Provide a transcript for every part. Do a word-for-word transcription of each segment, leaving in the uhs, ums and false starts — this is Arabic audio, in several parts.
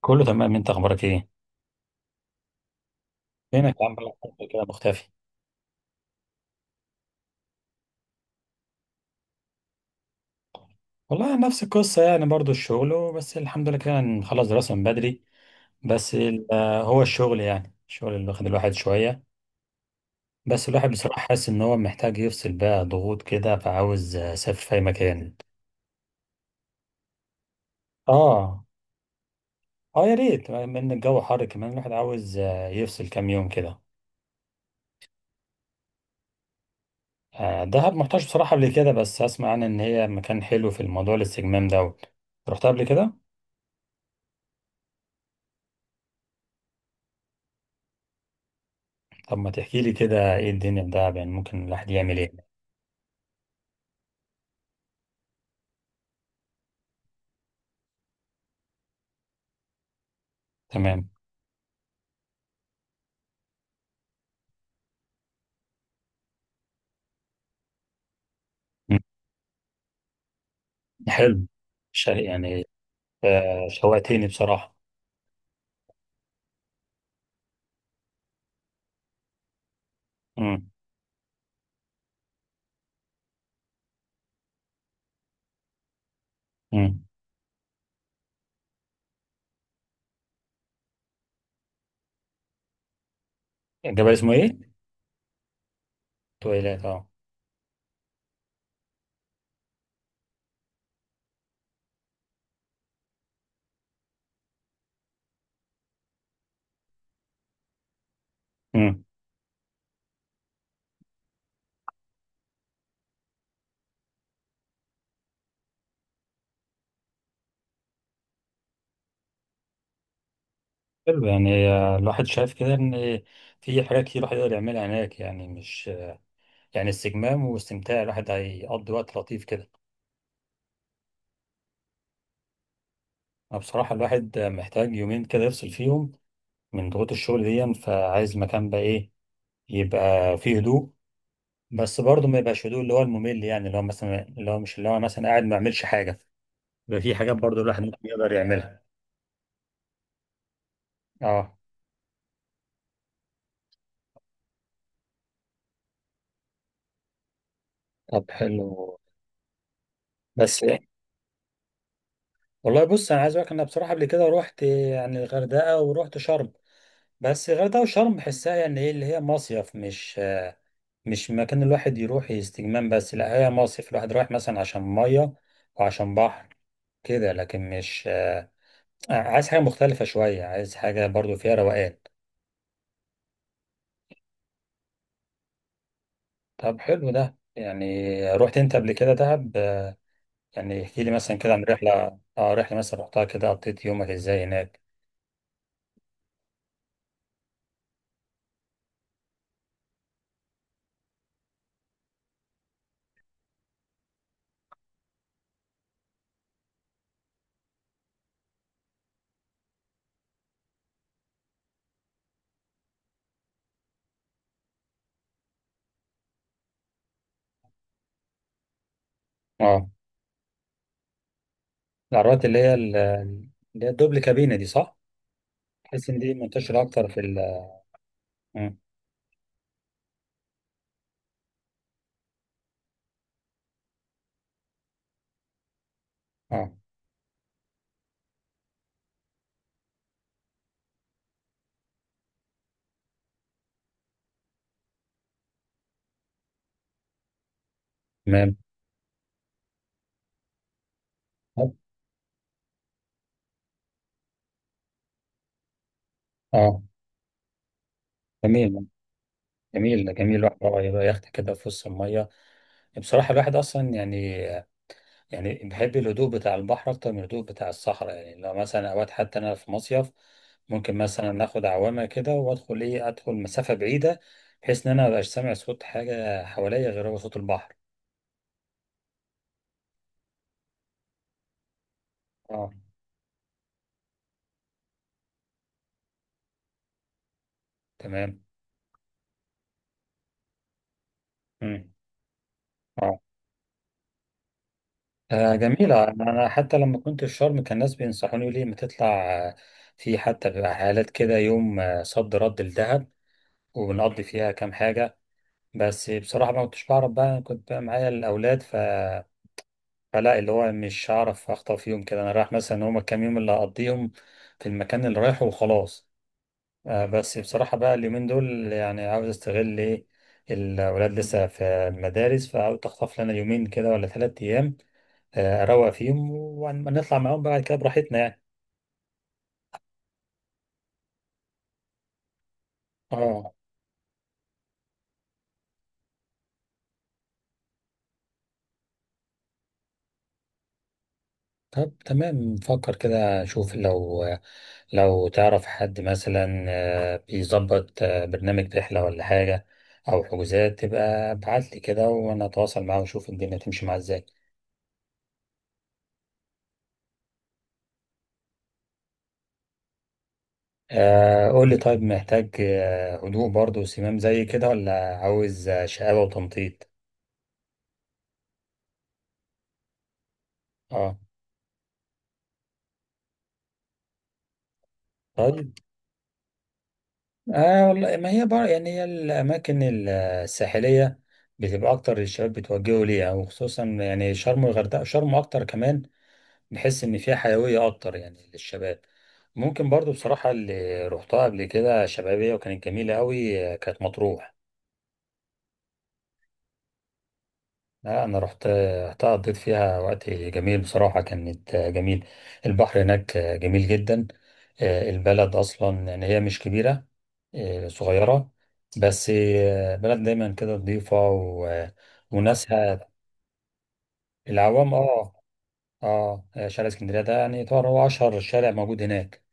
كله تمام، انت اخبارك ايه؟ فينك يا عم؟ بقالك فترة كده مختفي. والله نفس القصه، يعني برضو الشغل، بس الحمد لله كده نخلص دراسه من بدري. بس ال- آه، هو الشغل، يعني الشغل اللي واخد الواحد شويه. بس الواحد بصراحه حاسس ان هو محتاج يفصل بقى ضغوط كده، فعاوز آه، اسافر في اي مكان. اه، اه، يا ريت، من الجو حر كمان. الواحد عاوز آه، يفصل كام يوم كده. آه، دهب محتاج بصراحه قبل كده، بس اسمع عنها ان هي مكان حلو في الموضوع الاستجمام دوت. رحت قبل كده؟ طب ما تحكي لي كده ايه الدنيا ده، يعني ممكن الواحد يعمل ايه. تمام. مم. حلو. شا يعني. آه، شوقتني بصراحة. مم. مم. الجبل اسمه ايه؟ تويلات، اه. مم. حلو يعني. آه، الواحد شايف كده ان في حاجات كتير الواحد يقدر يعملها هناك، يعني مش، يعني استجمام واستمتاع، الواحد هيقضي وقت لطيف كده. أنا بصراحة الواحد محتاج يومين كده يفصل فيهم من ضغوط الشغل دي، فعايز مكان بقى ايه، يبقى فيه هدوء. بس برضه ما يبقاش هدوء اللي هو الممل، يعني اللي هو مثلا اللي هو مش اللي هو مثلا قاعد ما يعملش حاجه، بيبقى في حاجات برضه الواحد ممكن يقدر يعملها. اه. طب حلو. بس والله، بص انا عايز اقول لك، انا بصراحه قبل كده رحت يعني الغردقه ورحت شرم. بس الغردقه وشرم بحسها يعني ايه، اللي هي مصيف، مش مش مكان الواحد يروح استجمام بس. لا، هي مصيف الواحد رايح مثلا عشان ميه وعشان بحر كده، لكن مش آه، عايز حاجه مختلفه شويه، عايز حاجه برضه فيها روقان. طب حلو ده يعني. رحت انت قبل كده دهب؟ آه، يعني احكي لي مثلا كده عن رحله اه رحله مثلا رحتها كده، قضيت يومك ازاي هناك. اه. العربيات اللي هي ال- اللي هي الدبل كابينه دي، صح؟ تحس ان دي منتشره اكتر في ال مم. اه، تمام. اه. جميل. جميل، جميل. الواحد اه يبقى يخت كده في وسط الميه. بصراحه الواحد اصلا يعني، يعني بحب الهدوء بتاع البحر أكتر من الهدوء بتاع الصحراء. يعني لو مثلا أوقات، حتى أنا في مصيف ممكن مثلا ناخد عوامة كده وأدخل إيه أدخل مسافة بعيدة، بحيث إن أنا مبقاش سامع صوت حاجة حواليا غير هو صوت البحر. اه، تمام. مم. اه. آه، جميلة. أنا حتى لما كنت في شرم كان الناس بينصحوني يقولوا لي ما تطلع. آه، في حتى بيبقى حالات كده، يوم آه، صد رد لدهب، وبنقضي فيها كام حاجة. بس بصراحة ما كنتش بعرف بقى، أنا كنت بقى معايا الأولاد ف، فلا، اللي هو مش هعرف اخطف فيهم كده. انا رايح مثلا، هما كام يوم اللي هقضيهم في المكان اللي رايحه وخلاص. آه بس بصراحة بقى اليومين دول يعني عاوز استغل ايه، الأولاد لسه في المدارس، فعاوز أخطف لنا يومين كده ولا ثلاث أيام، آه، أروق فيهم ونطلع معاهم بعد كده براحتنا يعني. اه. طب تمام، نفكر كده، نشوف لو، لو تعرف حد مثلا آه، بيظبط آه، برنامج رحلة ولا حاجة أو حجوزات، تبقى ابعتلي كده، وأنا أتواصل معاه وأشوف الدنيا تمشي معاه إزاي. آه، قولي طيب، محتاج آه، هدوء برضه وسمام زي كده، ولا عاوز آه، شقاوة وتنطيط؟ اه. طيب، اه، والله ما هي بقى يعني، هي الأماكن ال- الساحلية بتبقى أكتر الشباب بيتوجهوا ليها، وخصوصا يعني شرم والغردقة، شرم أكتر كمان. نحس ان فيها حيويه اكتر يعني للشباب. ممكن برضو بصراحه اللي رحتها قبل كده شبابيه وكانت جميله قوي آه، كانت مطروح. لا انا رحت، رحتها قضيت فيها وقت جميل بصراحه، كانت آه، جميل. البحر هناك آه، جميل جدا. آه، البلد اصلا يعني هي مش كبيره، آه، صغيره. بس آه، بلد دايما كده نظيفه و- وناسها. العوام، اه. اه، شارع اسكندريه ده يعني طبعا هو اشهر شارع موجود هناك.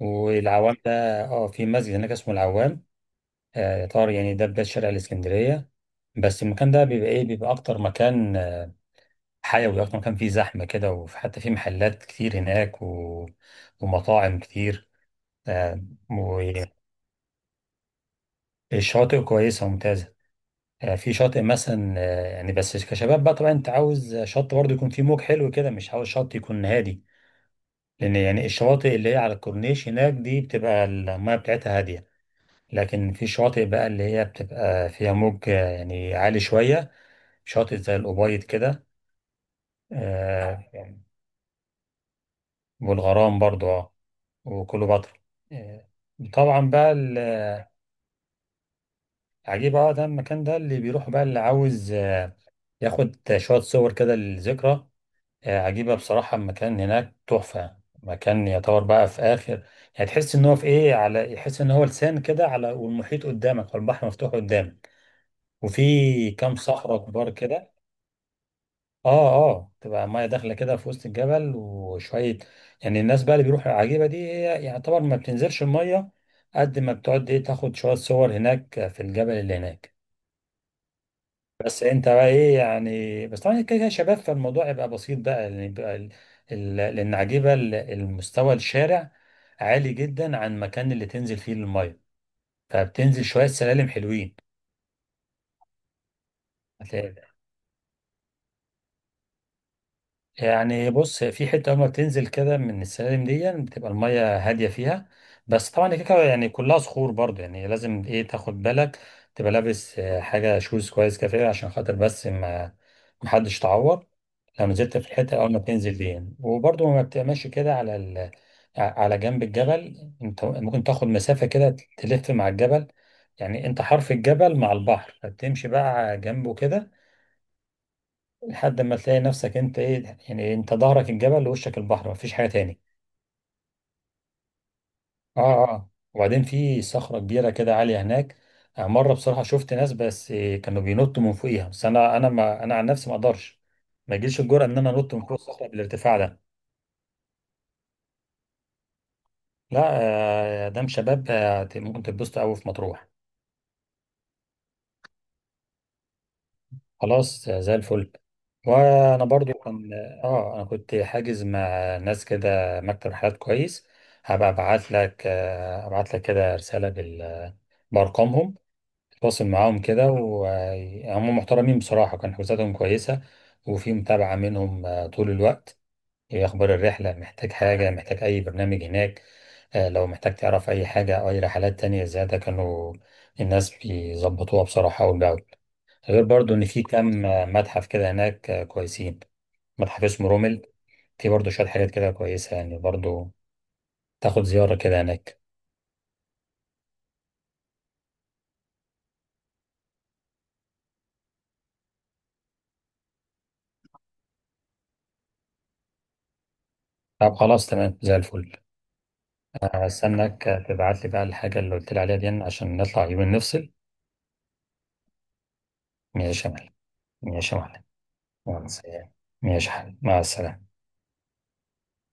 والعوام ده، اه، في مسجد هناك اسمه العوام. آه، يعتبر يعني ده بداية شارع الإسكندرية. بس المكان ده بيبقى ايه، بيبقى أكتر مكان آه، حيوي، أكتر مكان فيه زحمة كده، وحتى فيه محلات كتير هناك و... ومطاعم كتير. آه، والشواطئ كويسة وممتازة. آه، في شاطئ مثلا، آه، يعني بس كشباب بقى طبعا أنت عاوز شط برضه يكون فيه موج حلو كده، مش عاوز شط يكون هادي، لأن يعني الشواطئ اللي هي على الكورنيش هناك دي بتبقى المياه بتاعتها هادية. لكن في شواطئ بقى اللي هي بتبقى فيها موج آه، يعني عالي شوية، شاطئ زي الأبيض كده، آه، يعني. والغرام برضو، اه. وكليوباترا. آه، طبعا بقى. العجيب، اه، ده المكان ده اللي بيروح بقى، اللي عاوز آه، ياخد شوية صور كده للذكرى. آه، عجيبة بصراحة المكان هناك تحفة. مكان يعتبر بقى في آخر، يعني تحس إن هو في إيه، على، يحس إن هو لسان كده على، والمحيط قدامك والبحر مفتوح قدامك، وفي كام صخرة كبار كده. اه، اه، تبقى الميه داخله كده في وسط الجبل وشويه. يعني الناس بقى اللي بيروحوا العجيبه دي هي يعتبر ما بتنزلش الميه، قد ما بتقعد ايه، تاخد شويه صور هناك في الجبل اللي هناك. بس انت بقى ايه يعني، بس طبعا كده كده شباب، فالموضوع يبقى بسيط بقى، يعني يبقى ال... ال... لان عجيبه ال- المستوى الشارع عالي جدا عن المكان اللي تنزل فيه الميه، فبتنزل شويه سلالم حلوين. يعني بص، هي في حته اول ما بتنزل كده من السلالم دي، يعني بتبقى الميه هاديه فيها. بس طبعا هي كده يعني كلها صخور برضه، يعني لازم ايه، تاخد بالك تبقى لابس آه، حاجه شوز كويس كده فيها عشان خاطر بس ما، محدش تعور لو نزلت في الحته اول ما بتنزل دي يعني. وبرضه ما بتبقاش كده على ال... على جنب الجبل. انت ممكن تاخد مسافه كده تلف مع الجبل، يعني انت حرف الجبل مع البحر، فتمشي بقى جنبه كده لحد ما تلاقي نفسك انت ايه يعني، انت ظهرك الجبل ووشك البحر، مفيش حاجة تاني. اه. اه، وبعدين في صخرة كبيرة كده عالية هناك. آه، مرة بصراحة شفت ناس بس آه، كانوا بينطوا من فوقيها. بس انا انا ما انا عن نفسي ما اقدرش، ما يجيش الجرأة ان انا انط من فوق الصخرة بالارتفاع ده. لا، آه، ده مش شباب. آه، ممكن تتبسطوا قوي في مطروح. خلاص زي الفل. وانا برضو كان، اه، انا كنت حاجز مع ناس كده مكتب حالات كويس. هبقى ابعت لك آه، ابعت لك كده رسالة بال، بارقامهم. اتواصل معاهم كده، وهم محترمين بصراحة، كان حجوزاتهم كويسة، وفي متابعة منهم آه، طول الوقت. ايه اخبار الرحلة، محتاج حاجة، محتاج اي برنامج هناك. آه، لو محتاج تعرف اي حاجة او اي رحلات تانية زيادة، كانوا الناس بيظبطوها بصراحة وبيعملوها، غير برضو ان في كام متحف كده هناك كويسين، متحف اسمه رومل. في برضو شوية حاجات كده كويسة يعني برضو، تاخد زيارة كده هناك. طب خلاص، تمام، زي الفل. هستناك تبعت لي بقى الحاجة اللي قلت لي عليها دي، عشان نطلع يومين نفصل. ماشي يا معلم. ماشي يا معلم. يلا، سلام. ماشي يا حبيبي، مع السلامة.